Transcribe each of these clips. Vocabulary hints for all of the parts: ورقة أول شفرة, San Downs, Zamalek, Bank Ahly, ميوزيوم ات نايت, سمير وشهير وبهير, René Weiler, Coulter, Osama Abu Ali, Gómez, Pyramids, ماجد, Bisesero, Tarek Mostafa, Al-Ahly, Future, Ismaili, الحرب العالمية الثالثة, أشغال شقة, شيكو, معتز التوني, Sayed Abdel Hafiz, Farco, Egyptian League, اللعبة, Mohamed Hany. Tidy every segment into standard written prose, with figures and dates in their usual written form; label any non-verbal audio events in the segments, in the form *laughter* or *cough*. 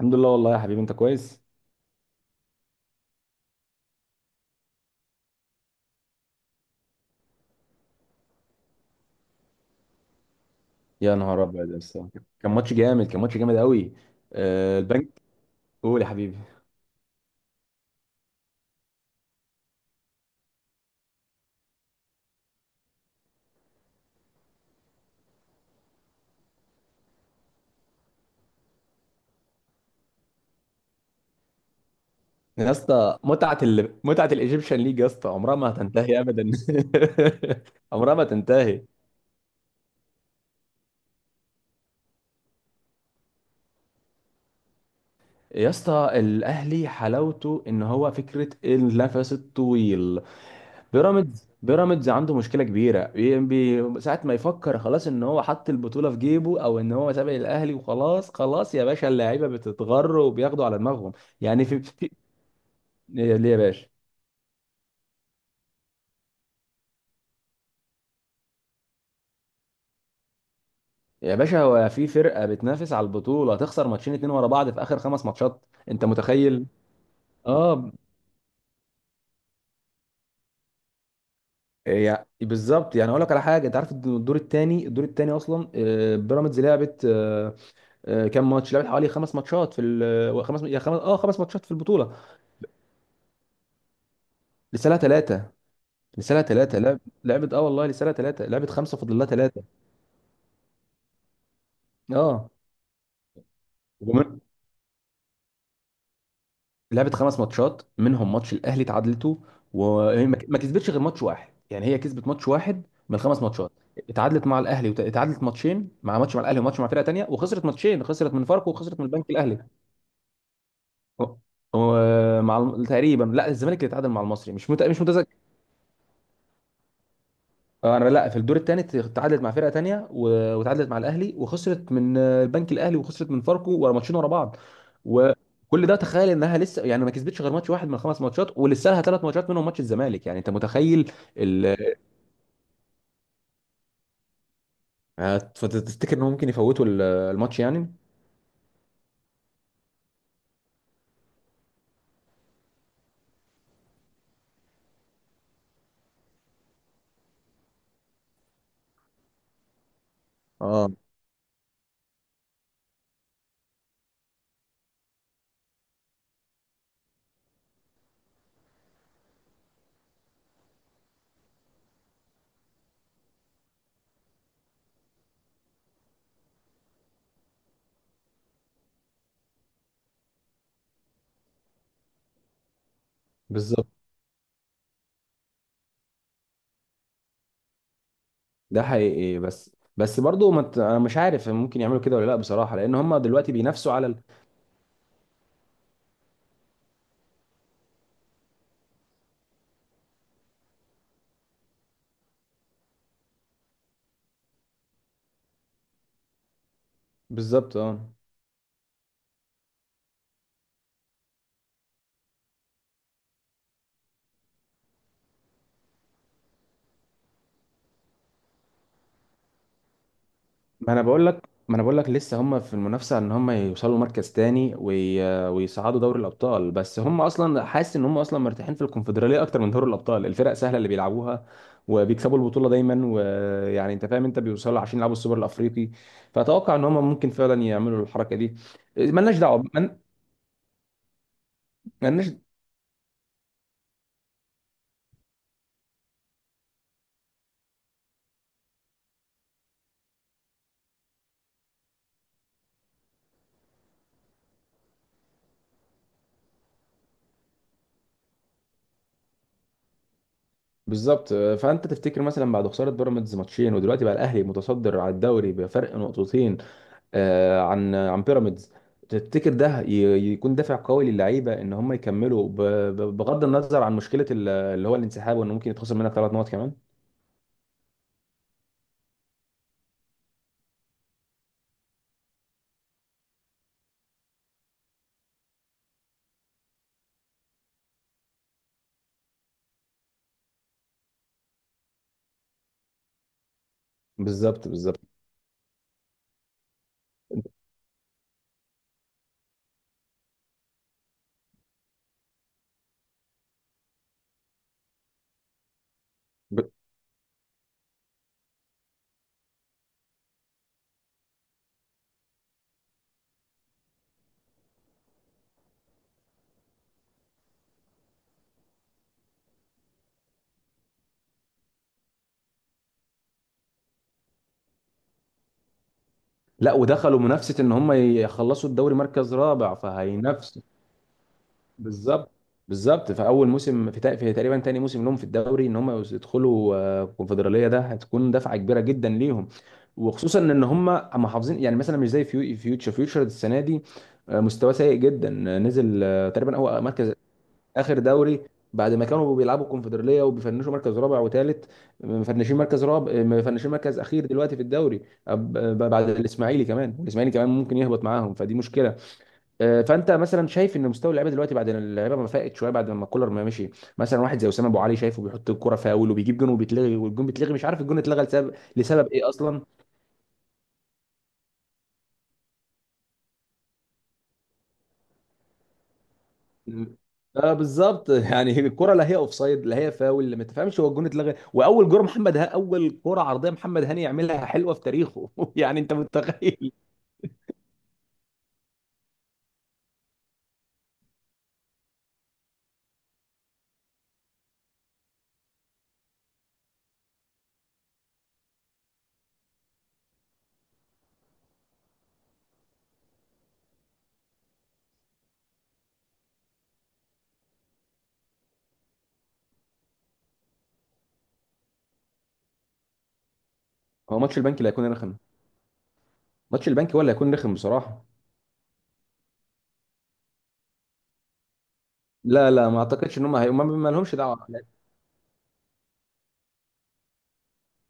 الحمد لله والله يا حبيبي انت كويس. يا نهار ابيض يا اسطى. كان ماتش جامد، كان ماتش جامد قوي. البنك. قول يا حبيبي. يا اسطى متعه الايجيبشن ليج يا اسطى عمرها ما هتنتهي ابدا. *laughs* عمرها ما تنتهي. يا اسطى الاهلي حلاوته ان هو فكره النفس الطويل. بيراميدز عنده مشكله كبيره ساعه ما يفكر خلاص ان هو حط البطوله في جيبه او ان هو سابق الاهلي وخلاص خلاص يا باشا اللعيبه بتتغر وبياخدوا على دماغهم. يعني في. ليه ليه يا باشا؟ يا باشا هو في فرقه بتنافس على البطوله تخسر ماتشين اتنين ورا بعض في اخر خمس ماتشات، انت متخيل؟ اه. يعني بالظبط، يعني اقول لك على حاجه، انت عارف إن الدور الثاني، الدور الثاني اصلا بيراميدز لعبت كام ماتش لعبت، حوالي خمس ماتشات خمس يا خمس اه خمس ماتشات في البطوله. لسه لها ثلاثه. لسه لها ثلاثه لعبت اه والله، لسه لها ثلاثه، لعبت خمسه فاضل لها ثلاثه. اه لعبت خمس ماتشات منهم ماتش الاهلي اتعادلته. وما ما كسبتش غير ماتش واحد، يعني هي كسبت ماتش واحد من الخمس ماتشات. اتعادلت مع الاهلي اتعادلت ماتشين ماتش مع الاهلي وماتش مع فرقه تانيه، وخسرت ماتشين، خسرت من فاركو وخسرت من البنك الاهلي. و- تقريبا، لا الزمالك اللي اتعادل مع المصري، مش متذكر. انا لا، في الدور الثاني تعادلت مع فرقه تانية وتعادلت مع الاهلي وخسرت من البنك الاهلي وخسرت من فاركو ورا ماتشين ورا بعض. وكل ده تخيل انها لسه يعني ما كسبتش غير ماتش واحد من خمس ماتشات ولسه لها 3 ماتشات منهم ماتش الزمالك، يعني انت متخيل. ال... فتفتكر انهم ممكن يفوتوا الماتش يعني؟ اه بالظبط. ده حقيقي، بس بس برضه ما ت- انا مش عارف ممكن يعملوا كده ولا لا بصراحه، لان هم دلوقتي بينافسوا على ال... بالظبط. اه ما انا بقول لك، ما انا بقول لك لسه هم في المنافسه ان هم يوصلوا مركز تاني ويصعدوا دوري الابطال، بس هم اصلا حاسس ان هم اصلا مرتاحين في الكونفدراليه اكتر من دوري الابطال، الفرق سهله اللي بيلعبوها وبيكسبوا البطوله دايما، ويعني انت فاهم انت بيوصلوا عشان يلعبوا السوبر الافريقي. فاتوقع ان هم ممكن فعلا يعملوا الحركه دي. مالناش دعوه من- مالناش. بالظبط، فانت تفتكر مثلا بعد خساره بيراميدز ماتشين ودلوقتي بقى الاهلي متصدر على الدوري بفرق نقطتين عن بيراميدز، تفتكر ده يكون دافع قوي للعيبه ان هم يكملوا بغض النظر عن مشكله اللي هو الانسحاب، وان ممكن يتخسر منك 3 نقط كمان؟ بالظبط، بالظبط. ب... لا ودخلوا منافسه ان هم يخلصوا الدوري مركز رابع فهينافسوا. بالظبط، بالظبط. في اول موسم في، في تقريبا تاني موسم لهم في الدوري ان هم يدخلوا الكونفدراليه، ده هتكون دفعه كبيره جدا ليهم، وخصوصا ان هم محافظين. يعني مثلا مش زي فيوتشر فيوتشر السنه دي مستواه سيء جدا، نزل تقريبا هو مركز اخر دوري بعد ما كانوا بيلعبوا الكونفدراليه وبيفنشوا مركز رابع وثالث. مفنشين مركز رابع، مفنشين مركز اخير دلوقتي في الدوري. بعد الاسماعيلي كمان، والاسماعيلي كمان ممكن يهبط معاهم فدي مشكله. فانت مثلا شايف ان مستوى اللعيبه دلوقتي بعد ان اللعيبه ما فاقت شويه بعد ما كولر ما مشي، مثلا واحد زي اسامه ابو علي شايفه بيحط الكره فاول وبيجيب جون وبيتلغي، والجون بيتلغي مش عارف الجون اتلغى لسبب ايه اصلا. اه بالظبط *laughs* يعني الكره لا هي اوفسايد لا هي فاول، ما تفهمش هو الجون اتلغى، واول جون محمد ها، اول كره عرضيه محمد هاني يعملها حلوه في تاريخه *laughs* يعني انت متخيل. هو ماتش البنك اللي هيكون رخم. ماتش البنك ولا هيكون رخم بصراحه. لا لا ما اعتقدش ان هم ما لهمش دعوه.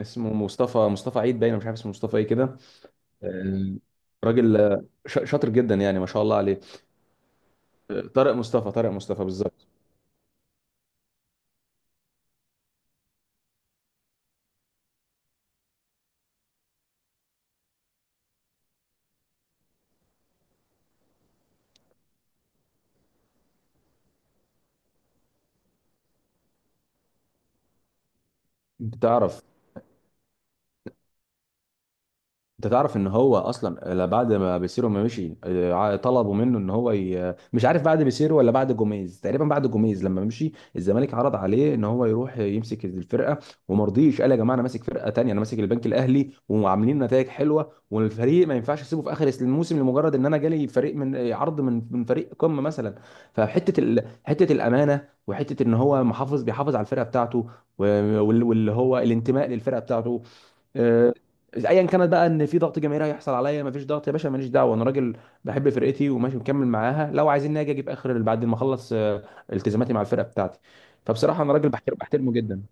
اسمه مصطفى، مصطفى عيد باين، مش عارف اسمه مصطفى ايه كده. آه، راجل، شاطر جدا يعني ما شاء الله عليه. طارق مصطفى، طارق مصطفى بالظبط. انت تعرف، انت تعرف ان هو اصلا، لا بعد ما بيسيرو ما مشي طلبوا منه ان هو مش عارف بعد بيسيرو ولا بعد جوميز، تقريبا بعد جوميز لما مشي الزمالك عرض عليه ان هو يروح يمسك الفرقه، وما رضيش، قال يا جماعه انا ماسك فرقه تانية، انا ماسك البنك الاهلي وعاملين نتائج حلوه والفريق ما ينفعش اسيبه في اخر الموسم لمجرد ان انا جالي فريق من عرض من فريق قمه مثلا. حته الامانه وحته ان هو محافظ بيحافظ على الفرقه بتاعته، واللي هو الانتماء للفرقه بتاعته. آه، ايا كانت بقى ان في ضغط جماهيري هيحصل عليا، مفيش ضغط يا باشا ماليش دعوه، انا راجل بحب فرقتي وماشي مكمل معاها، لو عايزين اجي اجيب اخر بعد ما اخلص التزاماتي مع الفرقه بتاعتي. فبصراحه انا راجل بحترم، بحترمه جدا.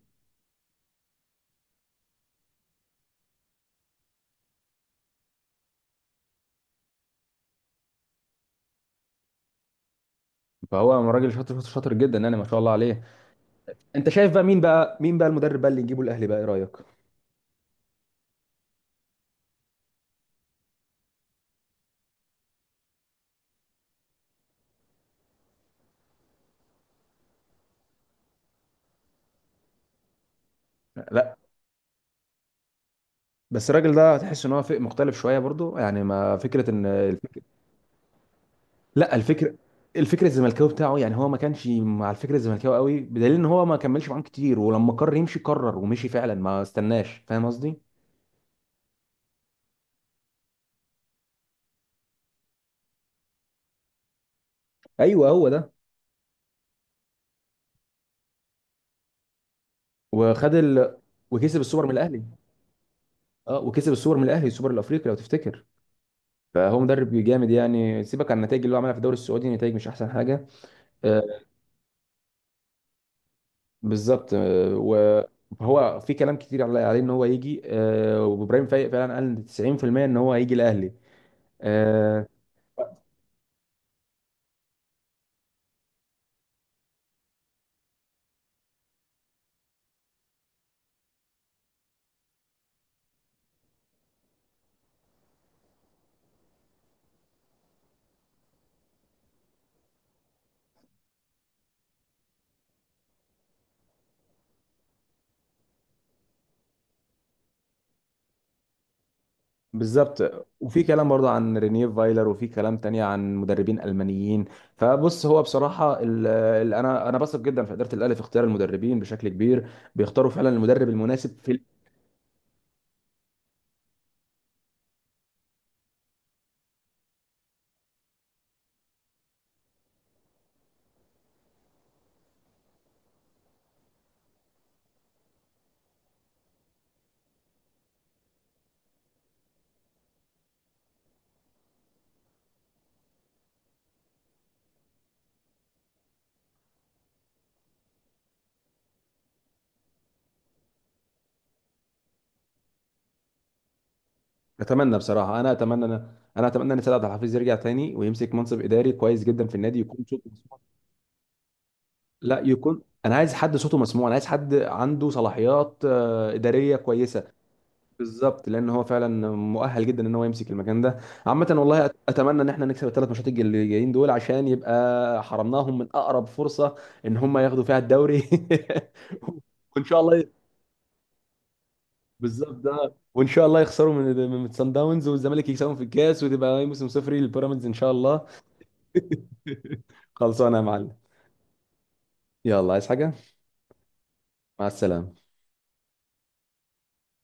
فهو راجل شاطر، شاطر جدا يعني ما شاء الله عليه. انت شايف بقى مين بقى، مين بقى المدرب بقى اللي نجيبه الاهلي بقى، ايه رايك؟ لا بس الراجل ده تحس ان هو فئ مختلف شويه برضو، يعني ما فكره ان. لا الفكر، الفكر الزملكاوي بتاعه، يعني هو ما كانش مع الفكر الزملكاوي قوي، بدليل ان هو ما كملش معاهم كتير، ولما قرر يمشي قرر ومشي فعلا ما استناش، فاهم قصدي. ايوه هو ده. وخد ال... وكسب السوبر من الاهلي، اه وكسب السوبر من الاهلي، السوبر الافريقي لو تفتكر. فهو مدرب جامد، يعني سيبك عن النتائج اللي هو عملها في الدوري السعودي نتائج مش احسن حاجه. آه بالظبط، وهو في كلام كتير عليه ان هو يجي، آه وابراهيم فايق فعلا قال 90% ان هو هيجي الاهلي. آه بالظبط، وفي كلام برضه عن رينيه فايلر وفي كلام تاني عن مدربين المانيين. فبص هو بصراحه ال انا بثق جدا في اداره الاهلي في اختيار المدربين بشكل كبير، بيختاروا فعلا المدرب المناسب في اتمنى بصراحه، انا اتمنى، انا اتمنى ان سيد عبد الحفيظ يرجع تاني ويمسك منصب اداري كويس جدا في النادي يكون صوته مسموع. لا يكون، انا عايز حد صوته مسموع، انا عايز حد عنده صلاحيات اداريه كويسه. بالظبط، لان هو فعلا مؤهل جدا ان هو يمسك المكان ده. عامه والله اتمنى ان احنا نكسب ال3 ماتشات اللي جايين دول عشان يبقى حرمناهم من اقرب فرصه ان هم ياخدوا فيها الدوري *laughs* وان شاء الله بالظبط. ده وان شاء الله يخسروا من سان داونز والزمالك يكسبهم في الكاس، وتبقى موسم صفري للبيراميدز ان شاء الله. *laughs* خلصانه يا معلم. يلا عايز حاجه؟ مع السلامه.